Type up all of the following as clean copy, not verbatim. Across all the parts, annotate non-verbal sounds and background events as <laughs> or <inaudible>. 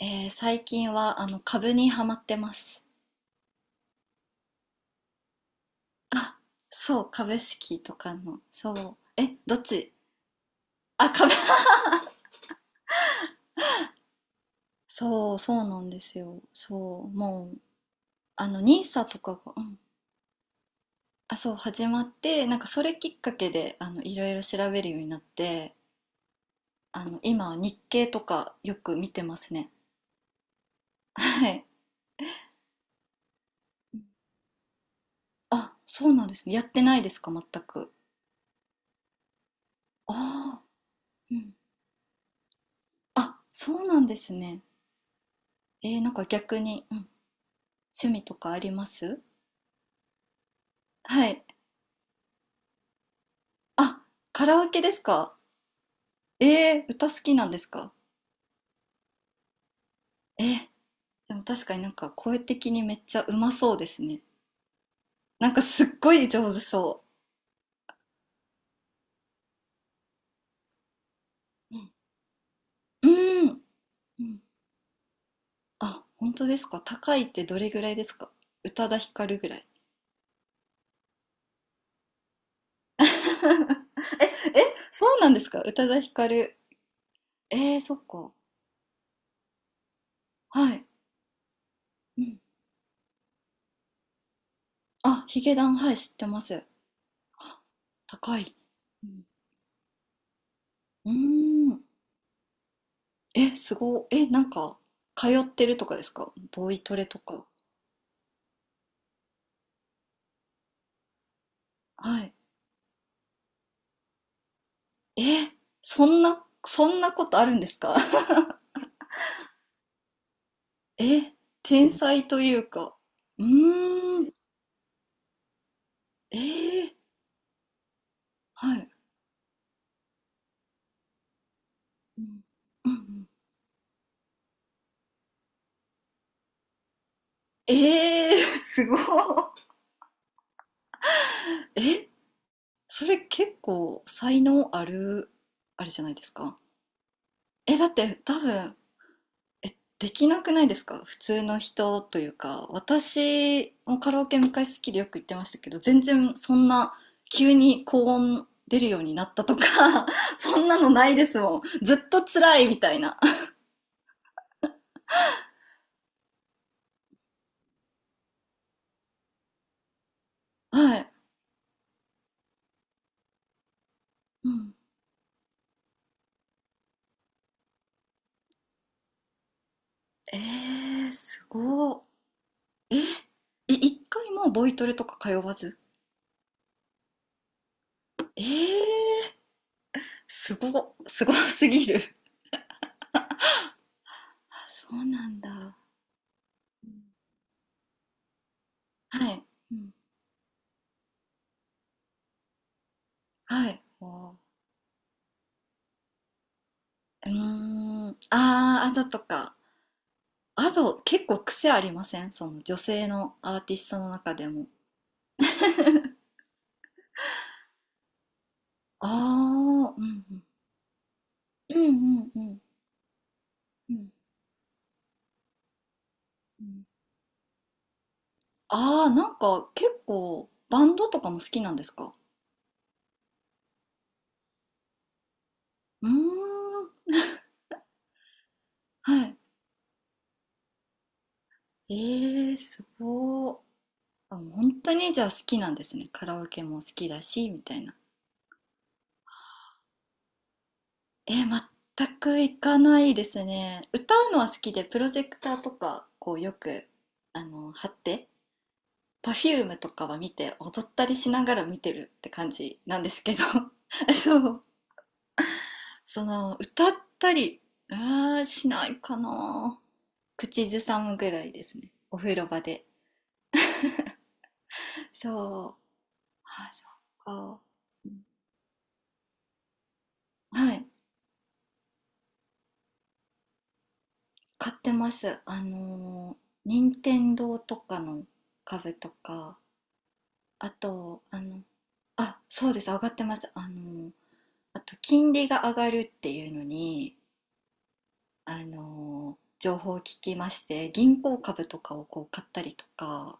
最近は株にハマってます。そう、株式とかの。そう。え、どっち？あ、株。 <laughs> そう、そうなんですよ。そう、もう、ニーサとかが、うん。あ、そう、始まって、なんかそれきっかけで、いろいろ調べるようになって、今は日経とかよく見てますね。はい。あ、そうなんですね。やってないですか、全く。ああ、うん。あ、そうなんですね。なんか逆に、うん、趣味とかあります？はい。あ、カラオケですか？えー、歌好きなんですか？えー、でも確かになんか声的にめっちゃうまそうですね。なんかすっごい上手そう。うん。うーん。うん。あ、本当ですか？高いってどれぐらいですか？宇多田ヒカルぐらい。<laughs> え、え、そうなんですか、宇多田ヒカル。えー、そっか。はい。うん。あ、ヒゲダン、はい、知ってます。高い。うん。うーん。え、すごい。え、なんか、通ってるとかですか、ボイトレとか。はい。え、そんなことあるんですか？ <laughs> え、天才というか。うーん。えー、はい。うんうんうん。えー、<laughs> すごい。え、それ結構才能ある、あれじゃないですか。え、だって多分、え、できなくないですか、普通の人というか。私もカラオケ昔好きでよく行ってましたけど、全然そんな急に高音出るようになったとか、<laughs> そんなのないですもん。ずっと辛いみたいな。はい。うん。えー、すごい。い、一回もボイトレとか通わず。えー、すご、すごすぎる。あ、そうなんだ。はい。うん、はい。おー。うーん。あー、あざとか。アド、結構癖ありません、その女性のアーティストの中でも。ああ、うんうん。うんうんうんうんうん。ああ、なんか結構バンドとかも好きなんですか？うーん。はい。ええ、すごー。あ、もう本当にじゃあ好きなんですね。カラオケも好きだし、みたいな。えー、全く行かないですね。歌うのは好きで、プロジェクターとか、こうよく、貼って、Perfume とかは見て踊ったりしながら見てるって感じなんですけど。 <laughs> そう、その歌ったり、あー、しないかな。口ずさむぐらいですね、お風呂場で。そう、あ、そっか。はい、買ってます。任天堂とかの株とか。あとあ、そうです、上がってます。あと金利が上がるっていうのに、情報を聞きまして、銀行株とかをこう買ったりとか。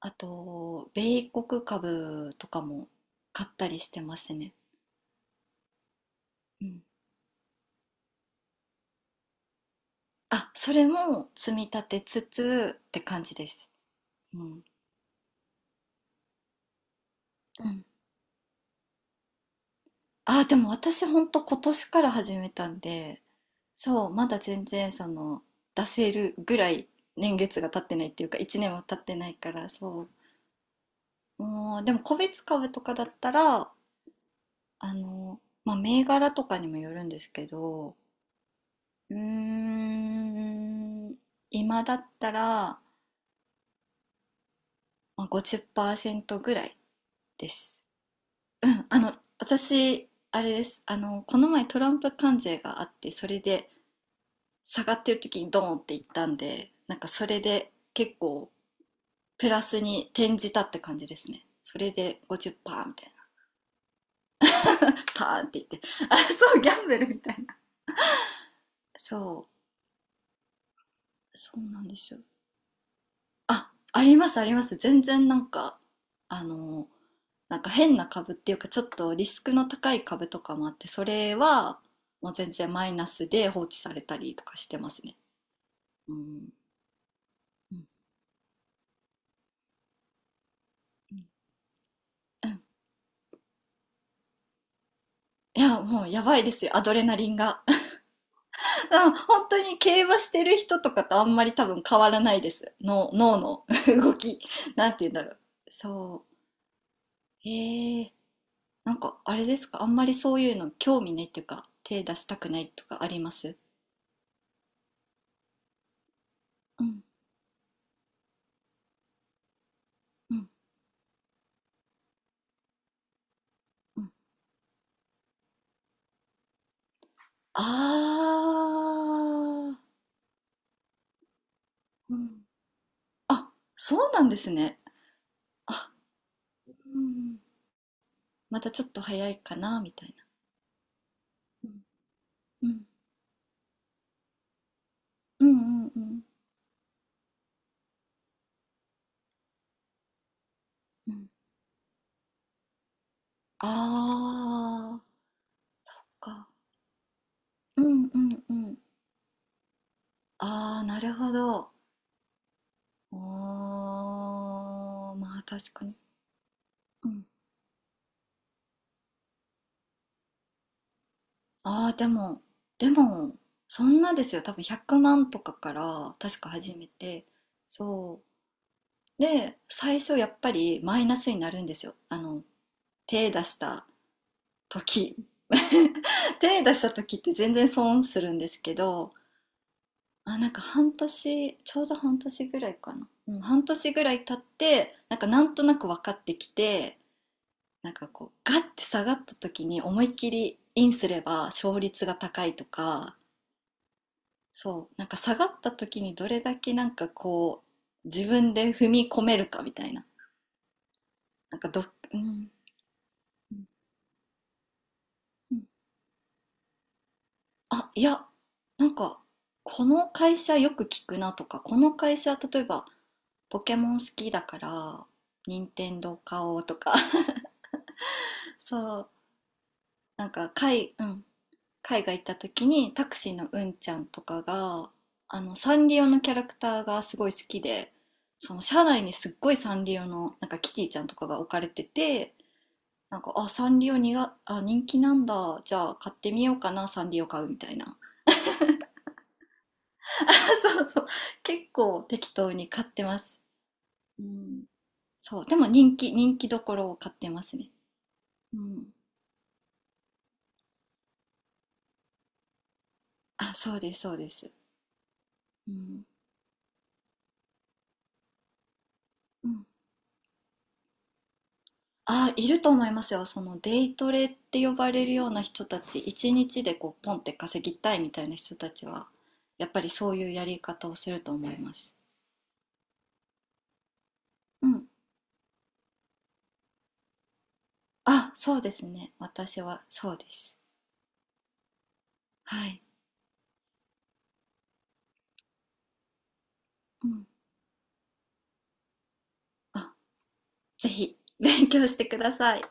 あと米国株とかも買ったりしてますね、うん。あ、それも積み立てつつって感じです、うん、うん。あ、でも私ほんと今年から始めたんで、そうまだ全然その出せるぐらい年月が経ってないっていうか1年は経ってないから、そうもう、でも個別株とかだったらあの、まあ、銘柄とかにもよるんですけど、うーん、今だったら、まあ、50%ぐらいです。うん、私、あれです。この前トランプ関税があって、それで下がってる時にドーンっていったんで、なんかそれで結構プラスに転じたって感じですね。それで50%みたいな。<laughs> パーンって言って。あ、そう、ギャンブルみたいな。そう、そうなんですよ。あ、ありますあります。全然なんか、あの、なんか変な株っていうか、ちょっとリスクの高い株とかもあって、それはもう全然マイナスで放置されたりとかしてますね。うん。うんうん。いや、もうやばいですよ、アドレナリンが。<laughs> うん、本当に競馬してる人とかとあんまり多分変わらないです。脳の <laughs> 動き。なんて言うんだろう。そう。へえ。なんかあれですか、あんまりそういうの興味ないっていうか、手出したくないとかあります？うん、うん、うん。ああ。うん。あ、そうなんですね。あ、うん。またちょっと早いかな、みたいな。うん、うん。うんうんうん。うん。ああ、か。うんうん。ああ、なるほど。あー、まあ確かに。うん。ああ、でも、でも、そんなですよ。多分100万とかから、確か始めて、そう。で、最初やっぱりマイナスになるんですよ。手出した時。<laughs> 手出した時って全然損するんですけど、あ、なんか半年、ちょうど半年ぐらいかな。うん、半年ぐらい経って、なんかなんとなく分かってきて、なんかこう、ガッて下がった時に思いっきりインすれば勝率が高いとか、そう、なんか下がった時にどれだけなんかこう、自分で踏み込めるかみたいな。なんかど、うん、うん、うん。あ、いや、なんか、この会社よく聞くなとか、この会社、例えば、ポケモン好きだから、任天堂買おうとか、<laughs> そう、うん、海外行った時に、タクシーのうんちゃんとかが、サンリオのキャラクターがすごい好きで、その車内にすっごいサンリオの、なんかキティちゃんとかが置かれてて、なんか、あ、サンリオにが、あ、人気なんだ、じゃあ買ってみようかな、サンリオ買うみたいな。そうそう。結構適当に買ってます。うん。そう。でも人気、人気どころを買ってますね。うん。あ、そうです、そうです。うん。うん。あ、いると思いますよ。そのデイトレって呼ばれるような人たち、一日でこうポンって稼ぎたいみたいな人たちは、やっぱりそういうやり方をすると思います。うん。あ、そうですね。私はそうです。はい。うん。あ、ぜひ勉強してください。